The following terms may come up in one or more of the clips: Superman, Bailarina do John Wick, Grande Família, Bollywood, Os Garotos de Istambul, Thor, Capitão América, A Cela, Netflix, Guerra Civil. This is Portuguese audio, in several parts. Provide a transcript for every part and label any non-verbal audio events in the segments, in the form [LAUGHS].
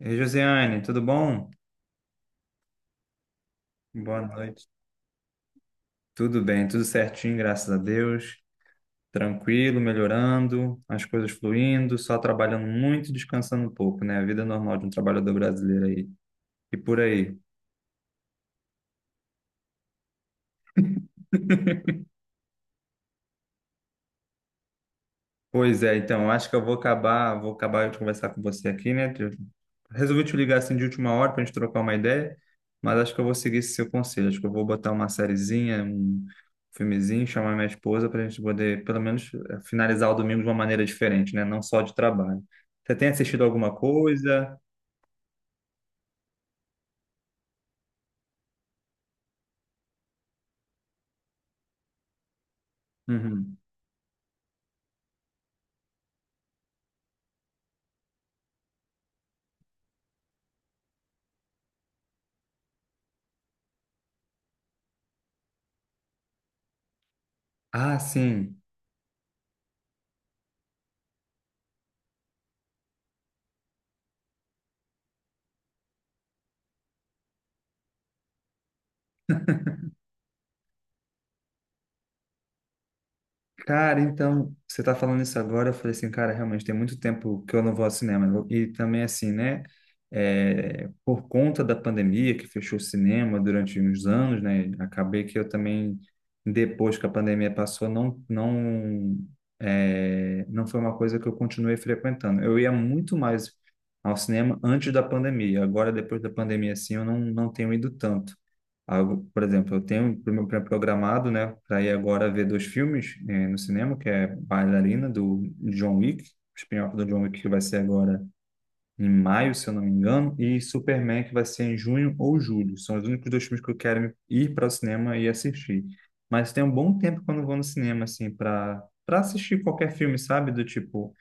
E aí, Josiane, tudo bom? Boa noite. Tudo bem, tudo certinho, graças a Deus. Tranquilo, melhorando, as coisas fluindo, só trabalhando muito, e descansando um pouco, né? A vida normal de um trabalhador brasileiro aí. E por aí. Pois é, então, eu acho que eu vou acabar de conversar com você aqui, né? Eu resolvi te ligar assim de última hora para a gente trocar uma ideia, mas acho que eu vou seguir esse seu conselho. Acho que eu vou botar uma sériezinha, um filmezinho, chamar minha esposa para a gente poder, pelo menos, finalizar o domingo de uma maneira diferente, né? Não só de trabalho. Você tem assistido alguma coisa? Uhum. Ah, sim. Cara, então, você tá falando isso agora, eu falei assim, cara, realmente tem muito tempo que eu não vou ao cinema, né? E também assim, né, é, por conta da pandemia que fechou o cinema durante uns anos, né, acabei que eu também, depois que a pandemia passou, é, não foi uma coisa que eu continuei frequentando. Eu ia muito mais ao cinema antes da pandemia. Agora, depois da pandemia, assim, eu não tenho ido tanto algo, por exemplo, eu tenho pro meu programado, né, para ir agora ver dois filmes no cinema, que é Bailarina do John Wick, o spin-off do John Wick que vai ser agora em maio, se eu não me engano, e Superman que vai ser em junho ou julho. São os únicos dois filmes que eu quero ir para o cinema e assistir. Mas tem um bom tempo quando eu vou no cinema assim para assistir qualquer filme, sabe? Do tipo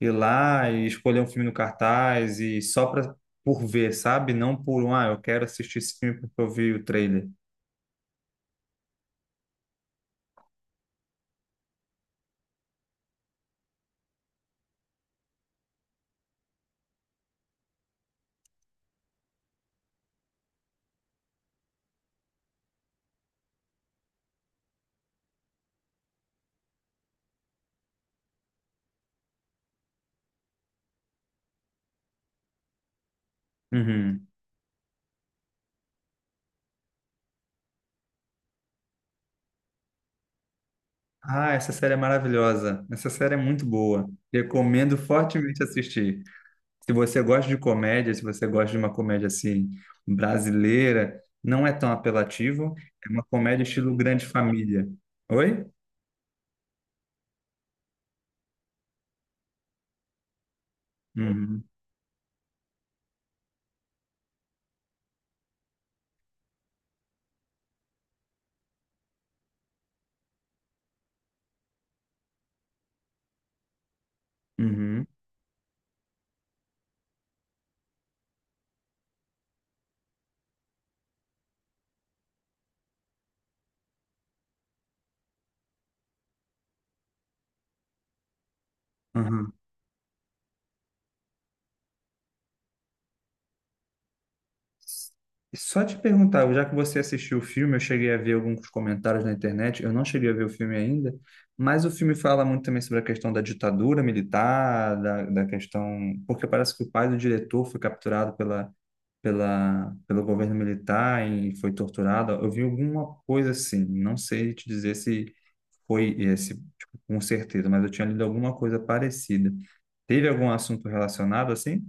ir lá e escolher um filme no cartaz e só para por ver, sabe? Não por um, ah, eu quero assistir esse filme porque eu vi o trailer. Uhum. Ah, essa série é maravilhosa. Essa série é muito boa. Recomendo fortemente assistir. Se você gosta de comédia, se você gosta de uma comédia assim brasileira, não é tão apelativo. É uma comédia estilo Grande Família. Oi? Uhum. Uhum. Uhum. Só te perguntar, já que você assistiu o filme, eu cheguei a ver alguns comentários na internet, eu não cheguei a ver o filme ainda, mas o filme fala muito também sobre a questão da ditadura militar, da questão. Porque parece que o pai do diretor foi capturado pelo governo militar e foi torturado. Eu vi alguma coisa assim, não sei te dizer se foi esse, tipo, com certeza, mas eu tinha lido alguma coisa parecida. Teve algum assunto relacionado assim?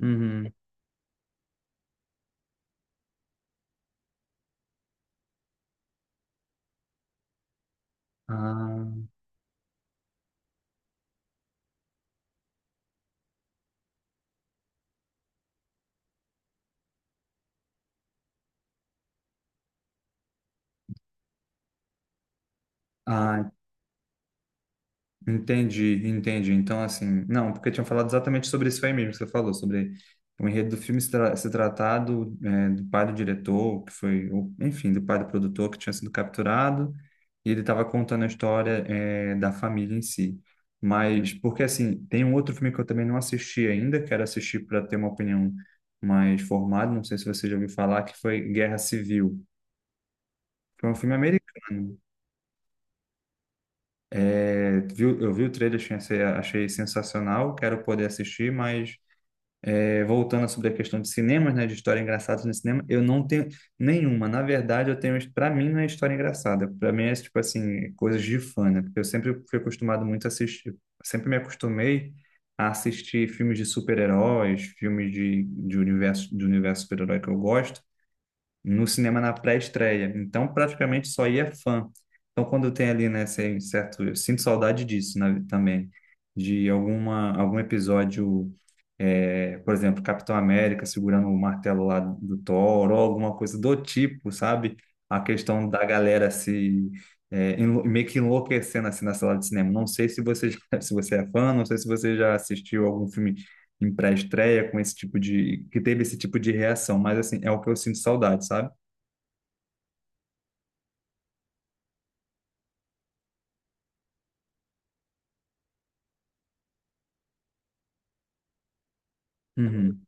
Uhum. Ah, ah, Entendi, entendi. Então, assim, não, porque tinham falado exatamente sobre isso aí mesmo que você falou, sobre o enredo do filme se tratar do, é, do pai do diretor, que foi, o- enfim, do pai do produtor que tinha sido capturado, e ele estava contando a história, é, da família em si. Mas, porque, assim, tem um outro filme que eu também não assisti ainda, quero assistir para ter uma opinião mais formada, não sei se você já ouviu falar, que foi Guerra Civil. Foi um filme americano. É, viu, eu vi o trailer, achei, achei sensacional, quero poder assistir, mas é, voltando sobre a questão de cinemas, né, de história engraçada no cinema, eu não tenho nenhuma. Na verdade, eu tenho, para mim, não é história engraçada, para mim é tipo assim, coisas de fã, né? Porque eu sempre fui acostumado muito a assistir, sempre me acostumei a assistir filmes de super-heróis, filmes de, universo, de universo super-herói que eu gosto no cinema na pré-estreia. Então, praticamente só ia fã. Então, quando tem ali, né, esse certo, eu sinto saudade disso, né, também, de alguma, algum episódio, é, por exemplo, Capitão América segurando o martelo lá do Thor, ou alguma coisa do tipo, sabe? A questão da galera se é, meio que enlouquecendo assim na sala de cinema. Não sei se você já- [LAUGHS] se você é fã, não sei se você já assistiu algum filme em pré-estreia com esse tipo de que teve esse tipo de reação, mas assim, é o que eu sinto saudade, sabe? Uhum.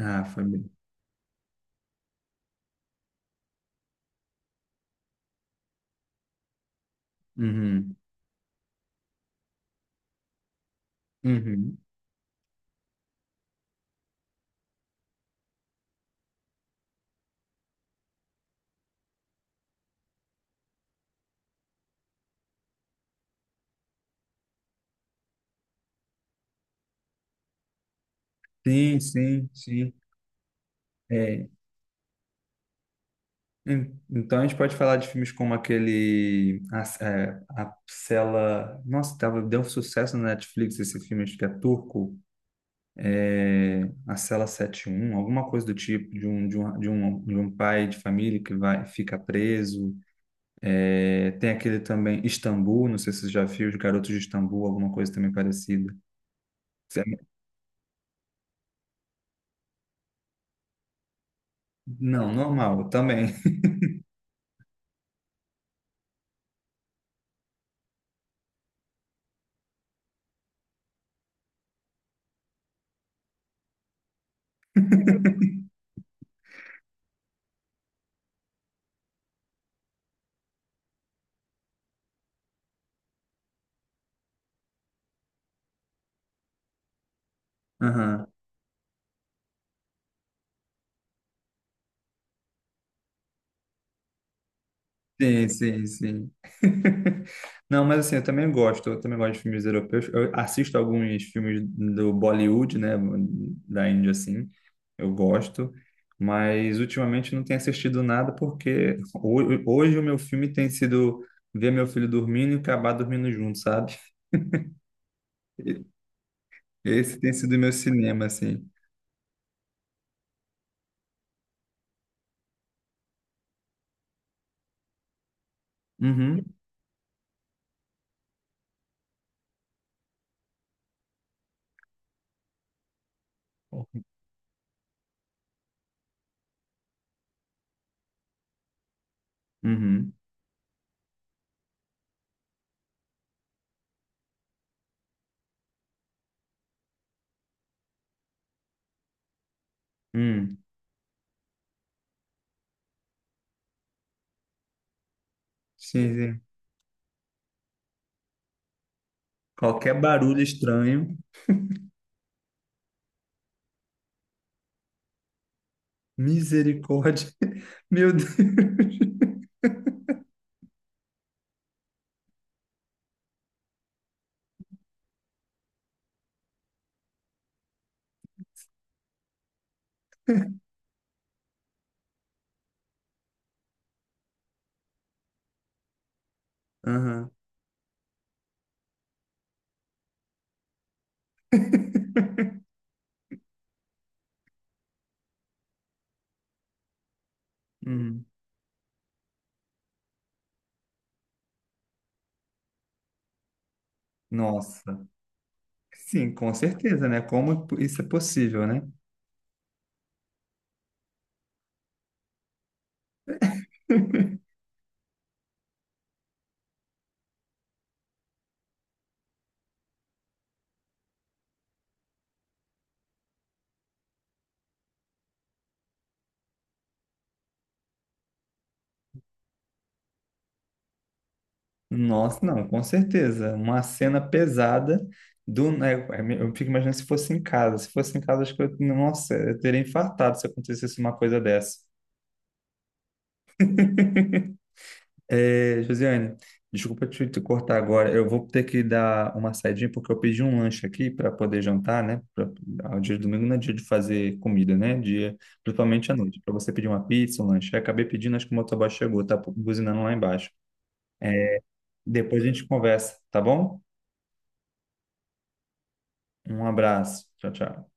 Ah, família. Uhum. Uhum. Sim, sim, sim. É. Então a gente pode falar de filmes como aquele a Cela. Nossa, tava, deu um sucesso na Netflix esse filme, acho que é turco. É, a Cela 71 alguma coisa do tipo, de um pai de família que vai, fica preso. É, tem aquele também, Istambul, não sei se você já viu, Os Garotos de Istambul, alguma coisa também parecida. Não, normal, eu também. [LAUGHS] Sim, sim, sim. [LAUGHS] Não, mas assim, eu também gosto de filmes europeus. Eu assisto alguns filmes do Bollywood, né, da Índia, assim, eu gosto, mas ultimamente não tenho assistido nada porque hoje o meu filme tem sido ver meu filho dormindo e acabar dormindo junto, sabe? E- Esse tem sido o meu cinema, assim. Uhum, uhum, uhum. Sim, sim. Qualquer barulho estranho, misericórdia, [LAUGHS] meu Deus. Aham. Uhum. Nossa. Sim, com certeza, né? Como isso é possível, né? Nossa, não, com certeza. Uma cena pesada do, né, eu fico imaginando se fosse em casa. Se fosse em casa, acho que eu, nossa, eu teria infartado se acontecesse uma coisa dessa. É, Josiane, desculpa te cortar agora. Eu vou ter que dar uma saidinha porque eu pedi um lanche aqui para poder jantar, né? Pra, ao dia de domingo não é dia de fazer comida, né? Dia, principalmente à noite, para você pedir uma pizza, um lanche. Eu acabei pedindo, acho que o motoboy chegou, tá buzinando lá embaixo. Depois a gente conversa, tá bom? Um abraço. Tchau, tchau.